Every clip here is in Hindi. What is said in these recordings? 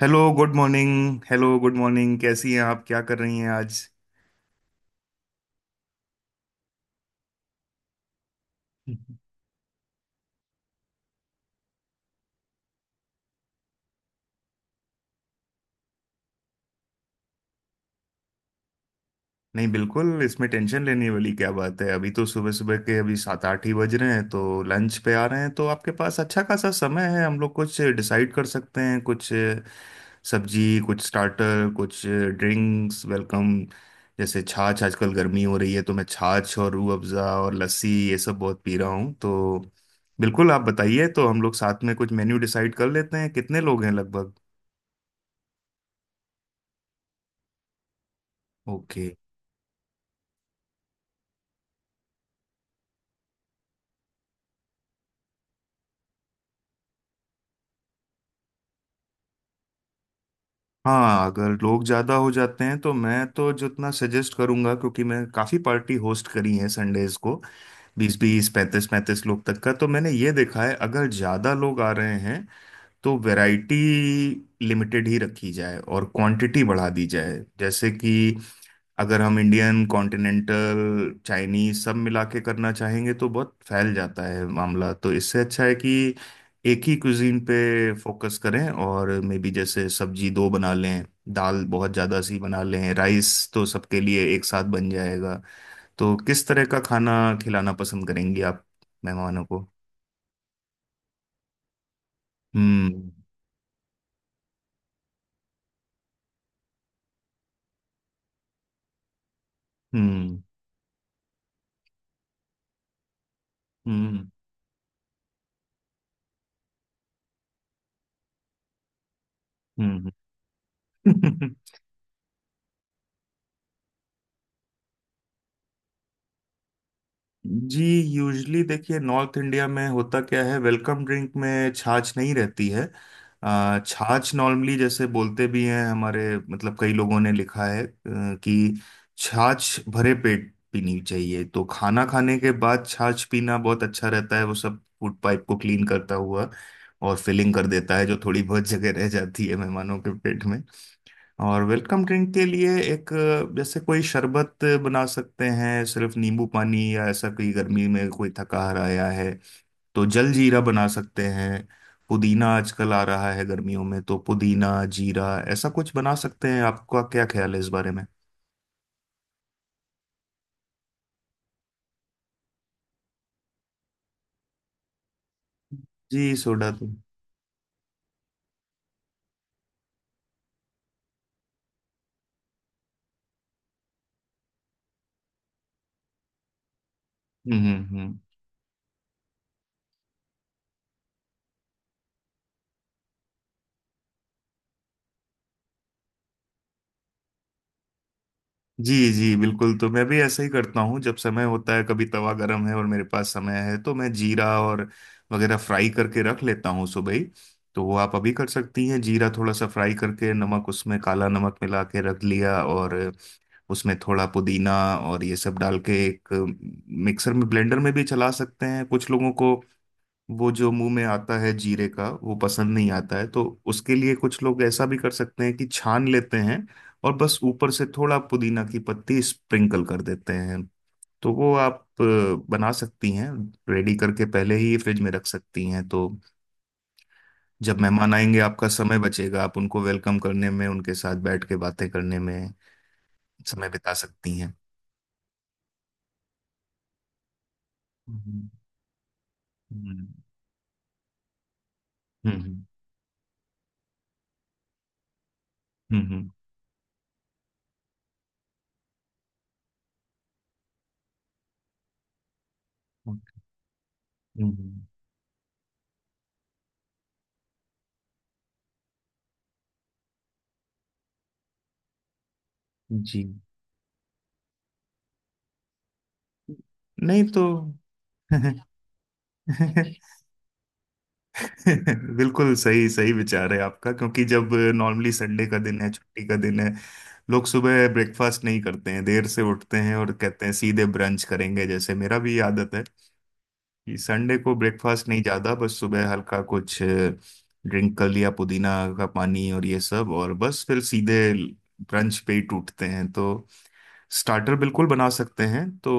Hello, good morning. Hello, good morning. कैसी हैं आप? क्या कर रही हैं आज? नहीं, बिल्कुल इसमें टेंशन लेने वाली क्या बात है। अभी तो सुबह सुबह के अभी 7 8 ही बज रहे हैं, तो लंच पे आ रहे हैं तो आपके पास अच्छा खासा समय है। हम लोग कुछ डिसाइड कर सकते हैं, कुछ सब्जी, कुछ स्टार्टर, कुछ ड्रिंक्स, वेलकम। जैसे छाछ, आजकल गर्मी हो रही है तो मैं छाछ और रूह अफ़ज़ा और लस्सी ये सब बहुत पी रहा हूँ तो बिल्कुल आप बताइए। तो हम लोग साथ में कुछ मेन्यू डिसाइड कर लेते हैं। कितने लोग हैं लगभग? ओके। हाँ, अगर लोग ज़्यादा हो जाते हैं तो मैं तो जितना सजेस्ट करूंगा, क्योंकि मैं काफ़ी पार्टी होस्ट करी है संडेज को। बीस बीस पैंतीस पैंतीस लोग तक का तो मैंने ये देखा है। अगर ज़्यादा लोग आ रहे हैं तो वैरायटी लिमिटेड ही रखी जाए और क्वांटिटी बढ़ा दी जाए। जैसे कि अगर हम इंडियन, कॉन्टिनेंटल, चाइनीज सब मिला के करना चाहेंगे तो बहुत फैल जाता है मामला। तो इससे अच्छा है कि एक ही कुजीन पे फोकस करें। और मे बी जैसे सब्जी दो बना लें, दाल बहुत ज़्यादा सी बना लें, राइस तो सबके लिए एक साथ बन जाएगा। तो किस तरह का खाना खिलाना पसंद करेंगी आप मेहमानों को? हम्म हम्म। हम्म हम्म। जी, यूजली देखिए, नॉर्थ इंडिया में होता क्या है, वेलकम ड्रिंक में छाछ नहीं रहती है। छाछ नॉर्मली जैसे बोलते भी हैं हमारे, मतलब कई लोगों ने लिखा है कि छाछ भरे पेट पीनी चाहिए। तो खाना खाने के बाद छाछ पीना बहुत अच्छा रहता है। वो सब फूड पाइप को क्लीन करता हुआ और फिलिंग कर देता है जो थोड़ी बहुत जगह रह जाती है मेहमानों के पेट। और वेलकम ड्रिंक के लिए एक जैसे कोई शरबत बना सकते हैं, सिर्फ नींबू पानी, या ऐसा कोई गर्मी में कोई थकाहार आया है तो जल जीरा बना सकते हैं। पुदीना आजकल आ रहा है गर्मियों में तो पुदीना जीरा ऐसा कुछ बना सकते हैं। आपका क्या ख्याल है इस बारे में? जी, सोडा तो। हम्म। जी जी बिल्कुल, तो मैं भी ऐसा ही करता हूँ। जब समय होता है, कभी तवा गरम है और मेरे पास समय है तो मैं जीरा और वगैरह फ्राई करके रख लेता हूँ सुबह ही। तो वो आप अभी कर सकती हैं। जीरा थोड़ा सा फ्राई करके, नमक, उसमें काला नमक मिला के रख लिया, और उसमें थोड़ा पुदीना और ये सब डाल के एक मिक्सर में, ब्लेंडर में भी चला सकते हैं। कुछ लोगों को वो जो मुंह में आता है जीरे का वो पसंद नहीं आता है, तो उसके लिए कुछ लोग ऐसा भी कर सकते हैं कि छान लेते हैं और बस ऊपर से थोड़ा पुदीना की पत्ती स्प्रिंकल कर देते हैं। तो वो आप बना सकती हैं, रेडी करके पहले ही फ्रिज में रख सकती हैं। तो जब मेहमान आएंगे, आपका समय बचेगा, आप उनको वेलकम करने में, उनके साथ बैठ के बातें करने में समय बिता सकती हैं। हम्म हम्म। हम्म हम्म हम्म, हम्म, जी, नहीं तो। बिल्कुल, सही सही विचार है आपका। क्योंकि जब नॉर्मली संडे का दिन है, छुट्टी का दिन है, लोग सुबह ब्रेकफास्ट नहीं करते हैं, देर से उठते हैं और कहते हैं सीधे ब्रंच करेंगे। जैसे मेरा भी आदत है कि संडे को ब्रेकफास्ट नहीं ज्यादा, बस सुबह हल्का कुछ ड्रिंक कर लिया, पुदीना का पानी और ये सब, और बस फिर सीधे ब्रंच पे ही टूटते हैं। तो स्टार्टर बिल्कुल बना सकते हैं। तो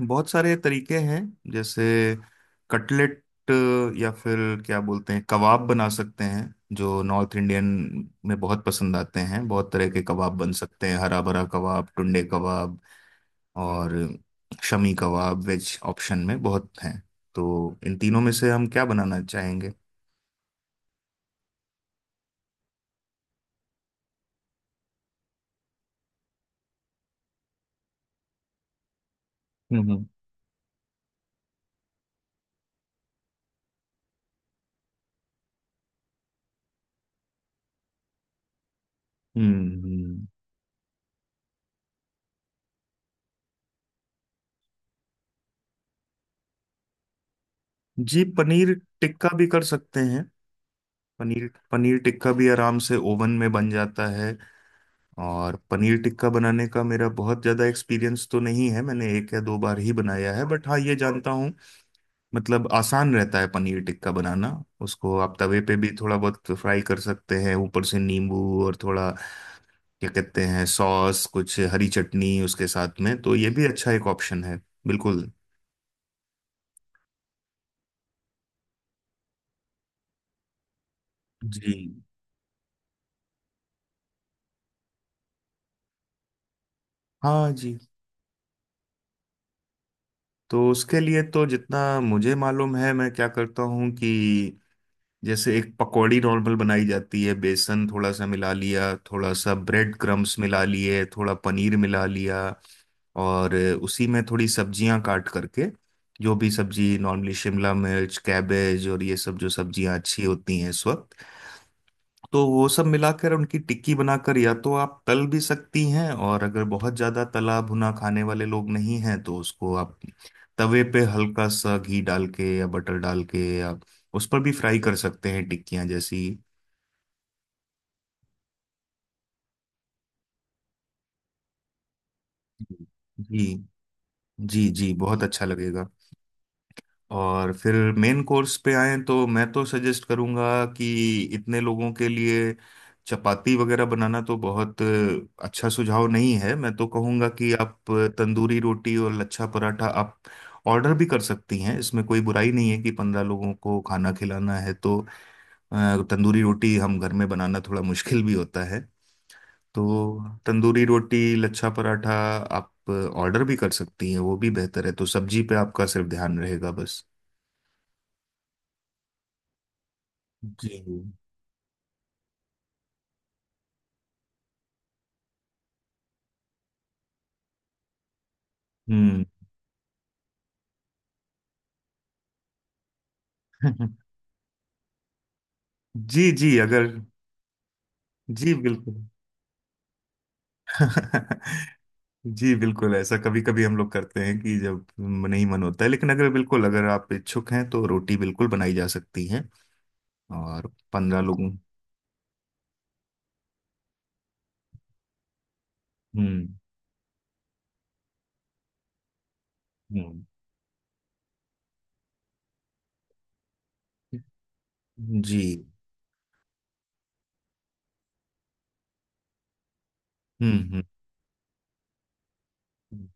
बहुत सारे तरीके हैं। जैसे कटलेट, या फिर क्या बोलते हैं, कबाब बना सकते हैं। जो नॉर्थ इंडियन में बहुत पसंद आते हैं। बहुत तरह के कबाब बन सकते हैं, हरा भरा कबाब, टुंडे कबाब, और शमी कबाब, वेज ऑप्शन में बहुत हैं। तो इन तीनों में से हम क्या बनाना चाहेंगे? हम्म हम्म। जी, पनीर टिक्का भी कर सकते हैं। पनीर, पनीर टिक्का भी आराम से ओवन में बन जाता है। और पनीर टिक्का बनाने का मेरा बहुत ज़्यादा एक्सपीरियंस तो नहीं है, मैंने एक या दो बार ही बनाया है, बट हाँ ये जानता हूँ मतलब आसान रहता है पनीर टिक्का बनाना। उसको आप तवे पे भी थोड़ा बहुत फ्राई कर सकते हैं, ऊपर से नींबू और थोड़ा क्या कहते हैं सॉस, कुछ हरी चटनी उसके साथ में। तो ये भी अच्छा एक ऑप्शन है। बिल्कुल। जी, हाँ जी। तो उसके लिए तो जितना मुझे मालूम है, मैं क्या करता हूँ कि जैसे एक पकौड़ी नॉर्मल बनाई जाती है, बेसन थोड़ा सा मिला लिया, थोड़ा सा ब्रेड क्रम्स मिला लिए, थोड़ा पनीर मिला लिया, और उसी में थोड़ी सब्जियां काट करके, जो भी सब्जी नॉर्मली शिमला मिर्च, कैबेज और ये सब जो सब्जियां अच्छी होती हैं इस वक्त। तो वो सब मिलाकर उनकी टिक्की बनाकर, या तो आप तल भी सकती हैं, और अगर बहुत ज़्यादा तला भुना खाने वाले लोग नहीं हैं तो उसको आप तवे पे हल्का सा घी डाल के या बटर डाल के या उस पर भी फ्राई कर सकते हैं टिक्कियाँ जैसी। जी जी। जी जी, बहुत अच्छा लगेगा। और फिर मेन कोर्स पे आए तो मैं तो सजेस्ट करूंगा कि इतने लोगों के लिए चपाती वगैरह बनाना तो बहुत अच्छा सुझाव नहीं है। मैं तो कहूंगा कि आप तंदूरी रोटी और लच्छा पराठा आप ऑर्डर भी कर सकती हैं। इसमें कोई बुराई नहीं है कि 15 लोगों को खाना खिलाना है तो तंदूरी रोटी हम घर में बनाना थोड़ा मुश्किल भी होता है। तो तंदूरी रोटी, लच्छा पराठा आप ऑर्डर भी कर सकती हैं, वो भी बेहतर है। तो सब्जी पे आपका सिर्फ ध्यान रहेगा बस। जी। हम्म। जी जी, अगर जी बिल्कुल। जी बिल्कुल, ऐसा कभी कभी हम लोग करते हैं कि जब नहीं मन होता है। लेकिन अगर बिल्कुल अगर आप इच्छुक हैं तो रोटी बिल्कुल बनाई जा सकती है। और 15 लोगों। हम्म हम्म। जी। हम्म। हम्म।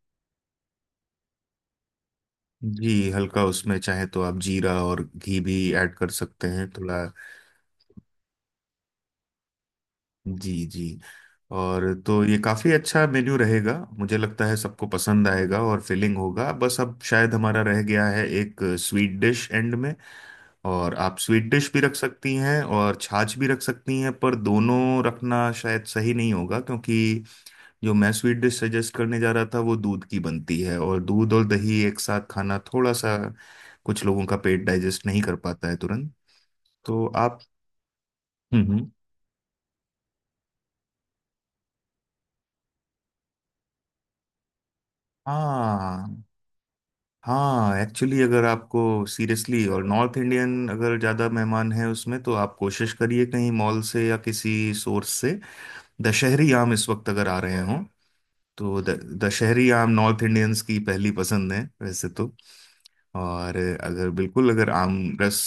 जी, हल्का उसमें चाहे तो आप जीरा और घी भी ऐड कर सकते हैं थोड़ा। जी जी। और तो ये काफ़ी अच्छा मेन्यू रहेगा, मुझे लगता है सबको पसंद आएगा और फिलिंग होगा। बस अब शायद हमारा रह गया है एक स्वीट डिश एंड में। और आप स्वीट डिश भी रख सकती हैं और छाछ भी रख सकती हैं, पर दोनों रखना शायद सही नहीं होगा। क्योंकि जो मैं स्वीट डिश सजेस्ट करने जा रहा था वो दूध की बनती है, और दूध और दही एक साथ खाना थोड़ा सा कुछ लोगों का पेट डाइजेस्ट नहीं कर पाता है तुरंत। तो आप। हम्म हम्म। हाँ, हाँ एक्चुअली अगर आपको सीरियसली, और नॉर्थ इंडियन अगर ज़्यादा मेहमान हैं उसमें, तो आप कोशिश करिए कहीं मॉल से या किसी सोर्स से दशहरी आम इस वक्त अगर आ रहे हों तो दशहरी आम नॉर्थ इंडियंस की पहली पसंद है वैसे तो। और अगर बिल्कुल अगर आम रस।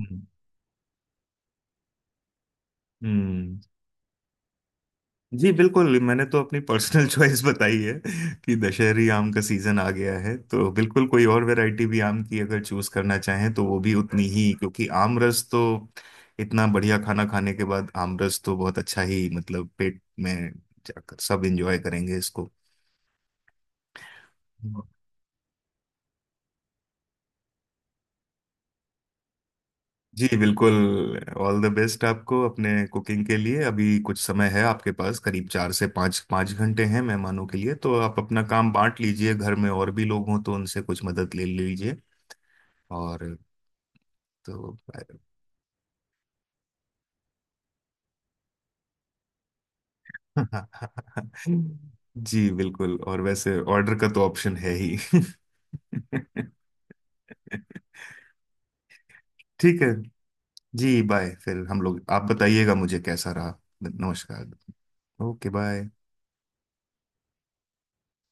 हम्म हम्म। जी बिल्कुल, मैंने तो अपनी पर्सनल चॉइस बताई है कि दशहरी आम का सीजन आ गया है। तो बिल्कुल कोई और वैरायटी भी आम की अगर चूज करना चाहें तो वो भी उतनी ही। क्योंकि आम रस तो, इतना बढ़िया खाना खाने के बाद आम रस तो बहुत अच्छा ही, मतलब पेट में जाकर सब एंजॉय करेंगे इसको। जी बिल्कुल। ऑल द बेस्ट आपको अपने कुकिंग के लिए। अभी कुछ समय है आपके पास, करीब चार से पाँच पाँच घंटे हैं मेहमानों के लिए। तो आप अपना काम बांट लीजिए, घर में और भी लोग हों तो उनसे कुछ मदद ले लीजिए। और तो। जी बिल्कुल, और वैसे ऑर्डर का तो ऑप्शन है ही। ठीक है। जी, बाय फिर। हम लोग, आप बताइएगा मुझे कैसा रहा। नमस्कार। Okay, bye.